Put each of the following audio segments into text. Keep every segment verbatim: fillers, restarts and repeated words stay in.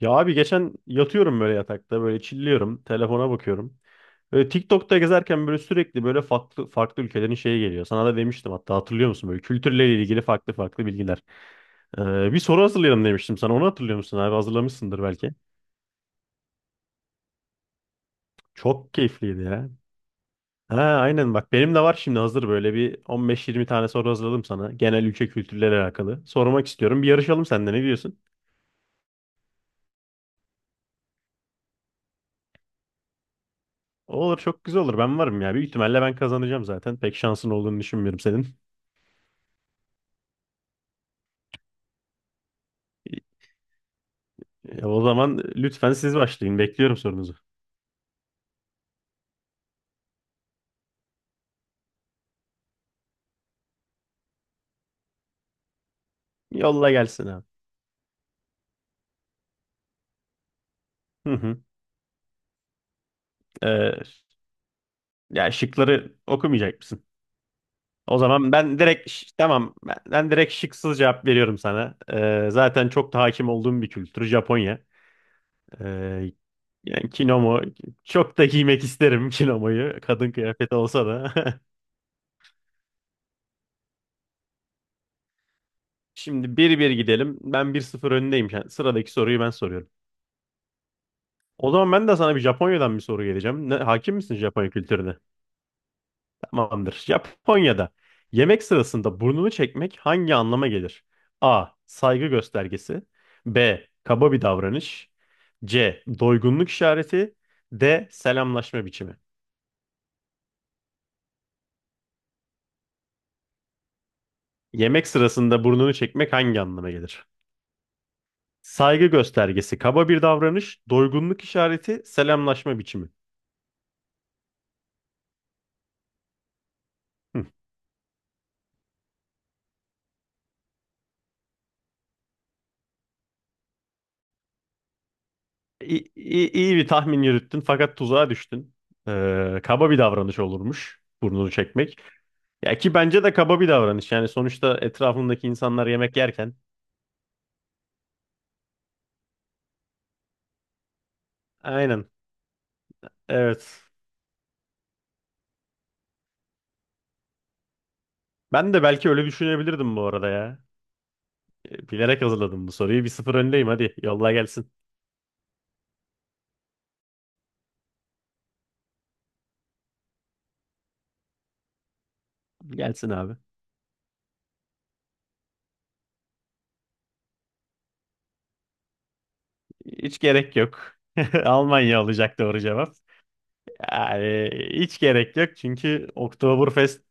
Ya abi geçen yatıyorum böyle yatakta böyle chilliyorum telefona bakıyorum. Böyle TikTok'ta gezerken böyle sürekli böyle farklı farklı ülkelerin şeyi geliyor. Sana da demiştim hatta hatırlıyor musun böyle kültürle ilgili farklı farklı bilgiler. Ee, bir soru hazırlayalım demiştim sana onu hatırlıyor musun abi hazırlamışsındır belki. Çok keyifliydi ya. Ha aynen bak benim de var şimdi hazır böyle bir on beş yirmi tane soru hazırladım sana. Genel ülke kültürleri alakalı. Sormak istiyorum bir yarışalım senden ne diyorsun? Olur çok güzel olur ben varım ya. Büyük ihtimalle ben kazanacağım zaten. Pek şansın olduğunu düşünmüyorum senin. E, o zaman lütfen siz başlayın. Bekliyorum sorunuzu. Yolla gelsin abi. Hı hı. E, ya şıkları okumayacak mısın? O zaman ben direkt ş- tamam ben, ben direkt şıksız cevap veriyorum sana. E, zaten çok da hakim olduğum bir kültür Japonya. E, yani kimono çok da giymek isterim kimonoyu. Kadın kıyafeti olsa da. Şimdi bir bir gidelim. Ben bir sıfır öndeyim. Yani sıradaki soruyu ben soruyorum. O zaman ben de sana bir Japonya'dan bir soru geleceğim. Ne, hakim misin Japonya kültürüne? Tamamdır. Japonya'da yemek sırasında burnunu çekmek hangi anlama gelir? A. Saygı göstergesi. B. Kaba bir davranış. C. Doygunluk işareti. D. Selamlaşma biçimi. Yemek sırasında burnunu çekmek hangi anlama gelir? Saygı göstergesi, kaba bir davranış, doygunluk işareti, selamlaşma biçimi. Hı. İyi, iyi, iyi bir tahmin yürüttün fakat tuzağa düştün. Ee, kaba bir davranış olurmuş burnunu çekmek. Ya ki bence de kaba bir davranış. Yani sonuçta etrafındaki insanlar yemek yerken. Aynen. Evet. Ben de belki öyle düşünebilirdim bu arada ya. E, Bilerek hazırladım bu soruyu. Bir sıfır öndeyim hadi. Yolla gelsin. Gelsin abi. Hiç gerek yok. Almanya olacak doğru cevap. Yani hiç gerek yok çünkü Oktoberfest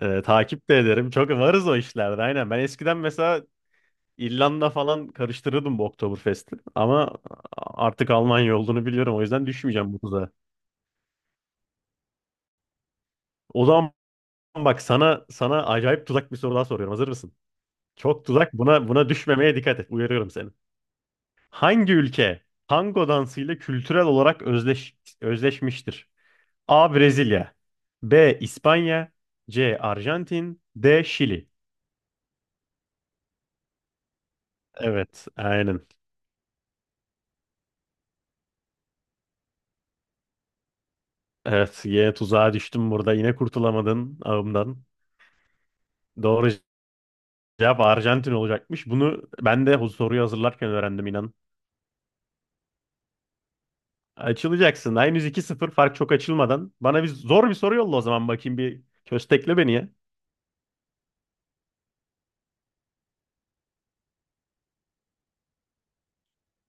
e, takip de ederim. Çok varız o işlerde aynen. Ben eskiden mesela İrlanda falan karıştırırdım bu Oktoberfest'i. Ama artık Almanya olduğunu biliyorum. O yüzden düşmeyeceğim bu tuzağa. O zaman bak sana sana acayip tuzak bir soru daha soruyorum. Hazır mısın? Çok tuzak. Buna buna düşmemeye dikkat et. Uyarıyorum seni. Hangi ülke tango dansıyla kültürel olarak özdeş, özleşmiştir? A. Brezilya B. İspanya C. Arjantin D. Şili Evet, aynen. Evet, yine tuzağa düştüm burada. Yine kurtulamadın ağımdan. Doğru cevap Arjantin olacakmış. Bunu ben de bu soruyu hazırlarken öğrendim inan. Açılacaksın. Daha henüz iki sıfır fark çok açılmadan. Bana bir zor bir soru yolla o zaman bakayım bir köstekle beni ya.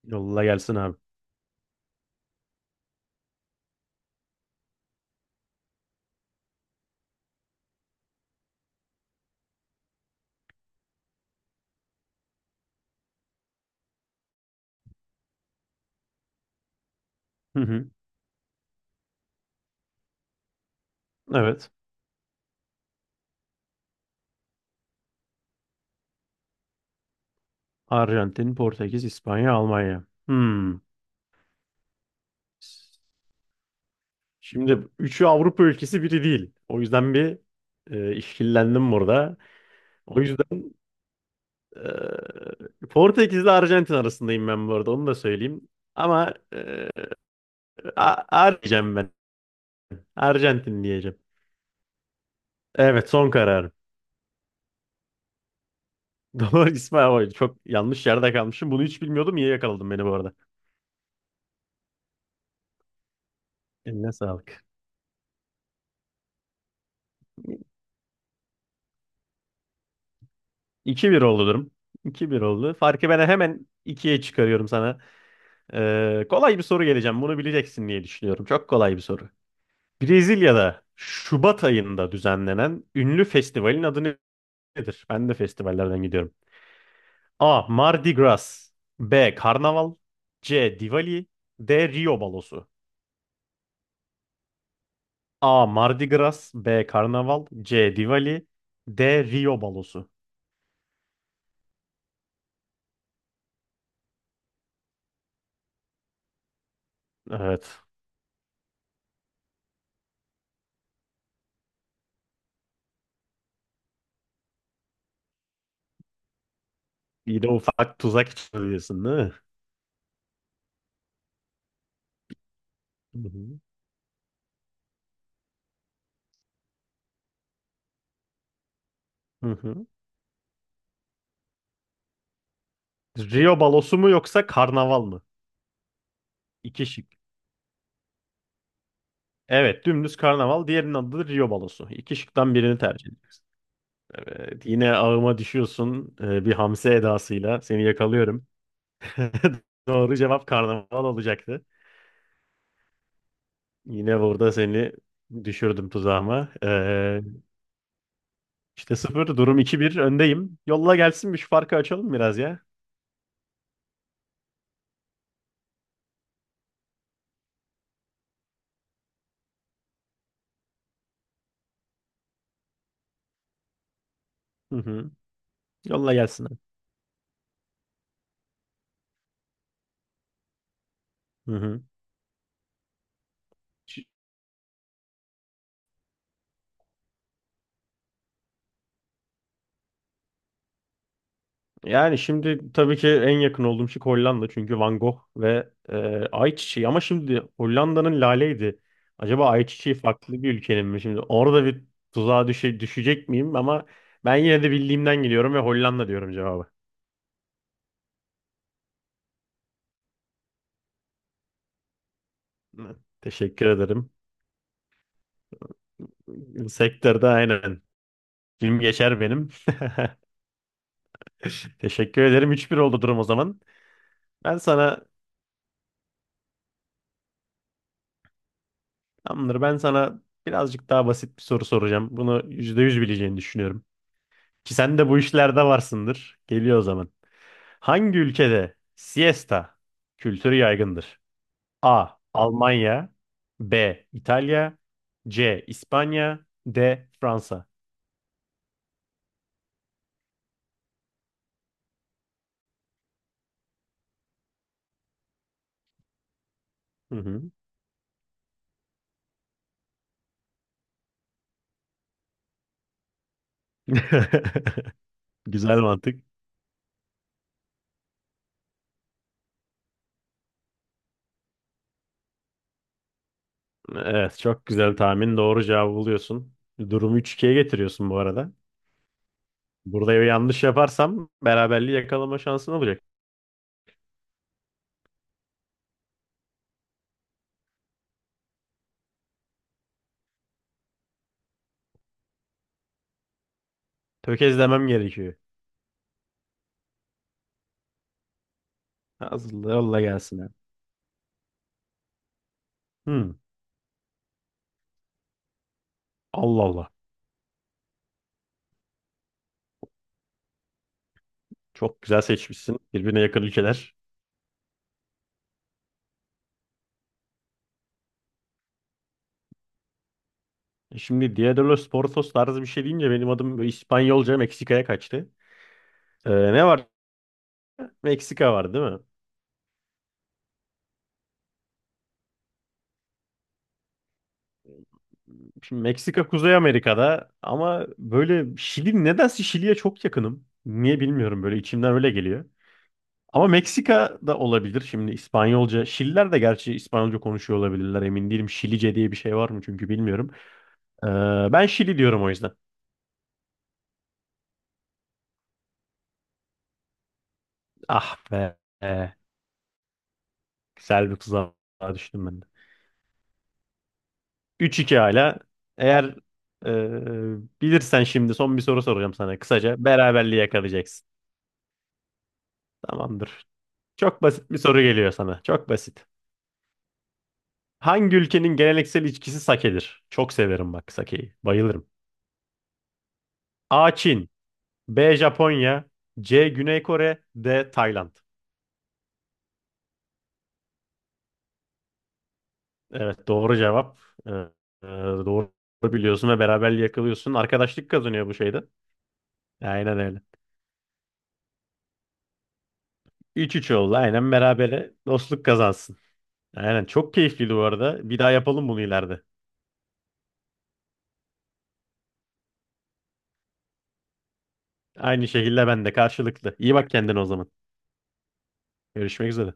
Yolla gelsin abi. Hı hı. Evet. Arjantin, Portekiz, İspanya, Almanya. Hmm. Şimdi üçü Avrupa ülkesi biri değil. O yüzden bir e, işkillendim burada. O yüzden e, Portekiz ile Arjantin arasındayım ben bu arada onu da söyleyeyim. Ama e, A- A diyeceğim ben. Arjantin diyeceğim. Evet son kararım. Doğru İsmail Hoca. Çok yanlış yerde kalmışım. Bunu hiç bilmiyordum. İyi yakaladın beni bu arada. Eline sağlık. iki bir oldu durum. iki bir oldu. Farkı ben hemen ikiye çıkarıyorum sana. Ee, kolay bir soru geleceğim. Bunu bileceksin diye düşünüyorum. Çok kolay bir soru. Brezilya'da Şubat ayında düzenlenen ünlü festivalin adı nedir? Ben de festivallerden gidiyorum. A. Mardi Gras B. Karnaval C. Diwali D. Rio Balosu. A. Mardi Gras B. Karnaval C. Diwali D. Rio balosu. Evet. Bir de ufak tuzak içeriyorsun değil mi? Hı hı. Hı hı. Rio balosu mu yoksa karnaval mı? İki şık. Evet dümdüz karnaval. Diğerinin adı da Rio balosu. İki şıktan birini tercih edeceksin. Evet yine ağıma düşüyorsun e, bir hamse edasıyla. Seni yakalıyorum. Doğru cevap karnaval olacaktı. Yine burada seni düşürdüm tuzağıma. Ee, İşte sıfır durum iki bir öndeyim. Yolla gelsin bir şu farkı açalım biraz ya. Hı hı. Yolla gelsin. Hı hı. Ş- yani şimdi tabii ki en yakın olduğum şey Hollanda çünkü Van Gogh ve e, ayçiçeği ama şimdi Hollanda'nın lale'ydi. Acaba ayçiçeği farklı bir ülkenin mi? Şimdi orada bir tuzağa düşe, düşecek miyim ama ben yine de bildiğimden geliyorum ve Hollanda diyorum cevabı. Hı. Teşekkür ederim. Sektörde aynen. Film geçer benim. Teşekkür ederim. üç bir oldu durum o zaman. Ben sana tamamdır. Ben sana birazcık daha basit bir soru soracağım. Bunu yüzde yüz bileceğini düşünüyorum. Ki sen de bu işlerde varsındır. Geliyor o zaman. Hangi ülkede siesta kültürü yaygındır? A. Almanya B. İtalya C. İspanya D. Fransa Hı hı. Güzel mantık. Evet, çok güzel tahmin. Doğru cevabı buluyorsun. Durumu üç ikiye getiriyorsun bu arada. Burada yanlış yaparsam beraberliği yakalama şansın olacak. Tökezlemem gerekiyor. Hazırla yolla gelsin, abi. Hmm. Allah Allah. Çok güzel seçmişsin. Birbirine yakın ülkeler. E şimdi Dia de los Portos tarzı bir şey deyince benim adım böyle İspanyolca Meksika'ya kaçtı. Ee, ne var? Meksika var değil mi? Şimdi Meksika Kuzey Amerika'da ama böyle Şili nedense Şili'ye çok yakınım. Niye bilmiyorum böyle içimden öyle geliyor. Ama Meksika da olabilir şimdi İspanyolca. Şililer de gerçi İspanyolca konuşuyor olabilirler emin değilim. Şilice diye bir şey var mı çünkü bilmiyorum. Ee, ben Şili diyorum o yüzden. Ah be. Güzel bir tuzağa düştüm ben de. Üç iki hala. Eğer e, bilirsen şimdi son bir soru soracağım sana. Kısaca beraberliği yakalayacaksın. Tamamdır. Çok basit bir soru geliyor sana. Çok basit. Hangi ülkenin geleneksel içkisi sake'dir? Çok severim bak sake'yi. Bayılırım. A. Çin. B. Japonya. C. Güney Kore. D. Tayland. Evet doğru cevap. E, e, doğru biliyorsun ve beraberliği yakalıyorsun. Arkadaşlık kazanıyor bu şeyde. Aynen öyle. üç üç oldu. Aynen berabere dostluk kazansın. Aynen çok keyifliydi bu arada. Bir daha yapalım bunu ileride. Aynı şekilde ben de karşılıklı. İyi bak kendine o zaman. Görüşmek üzere.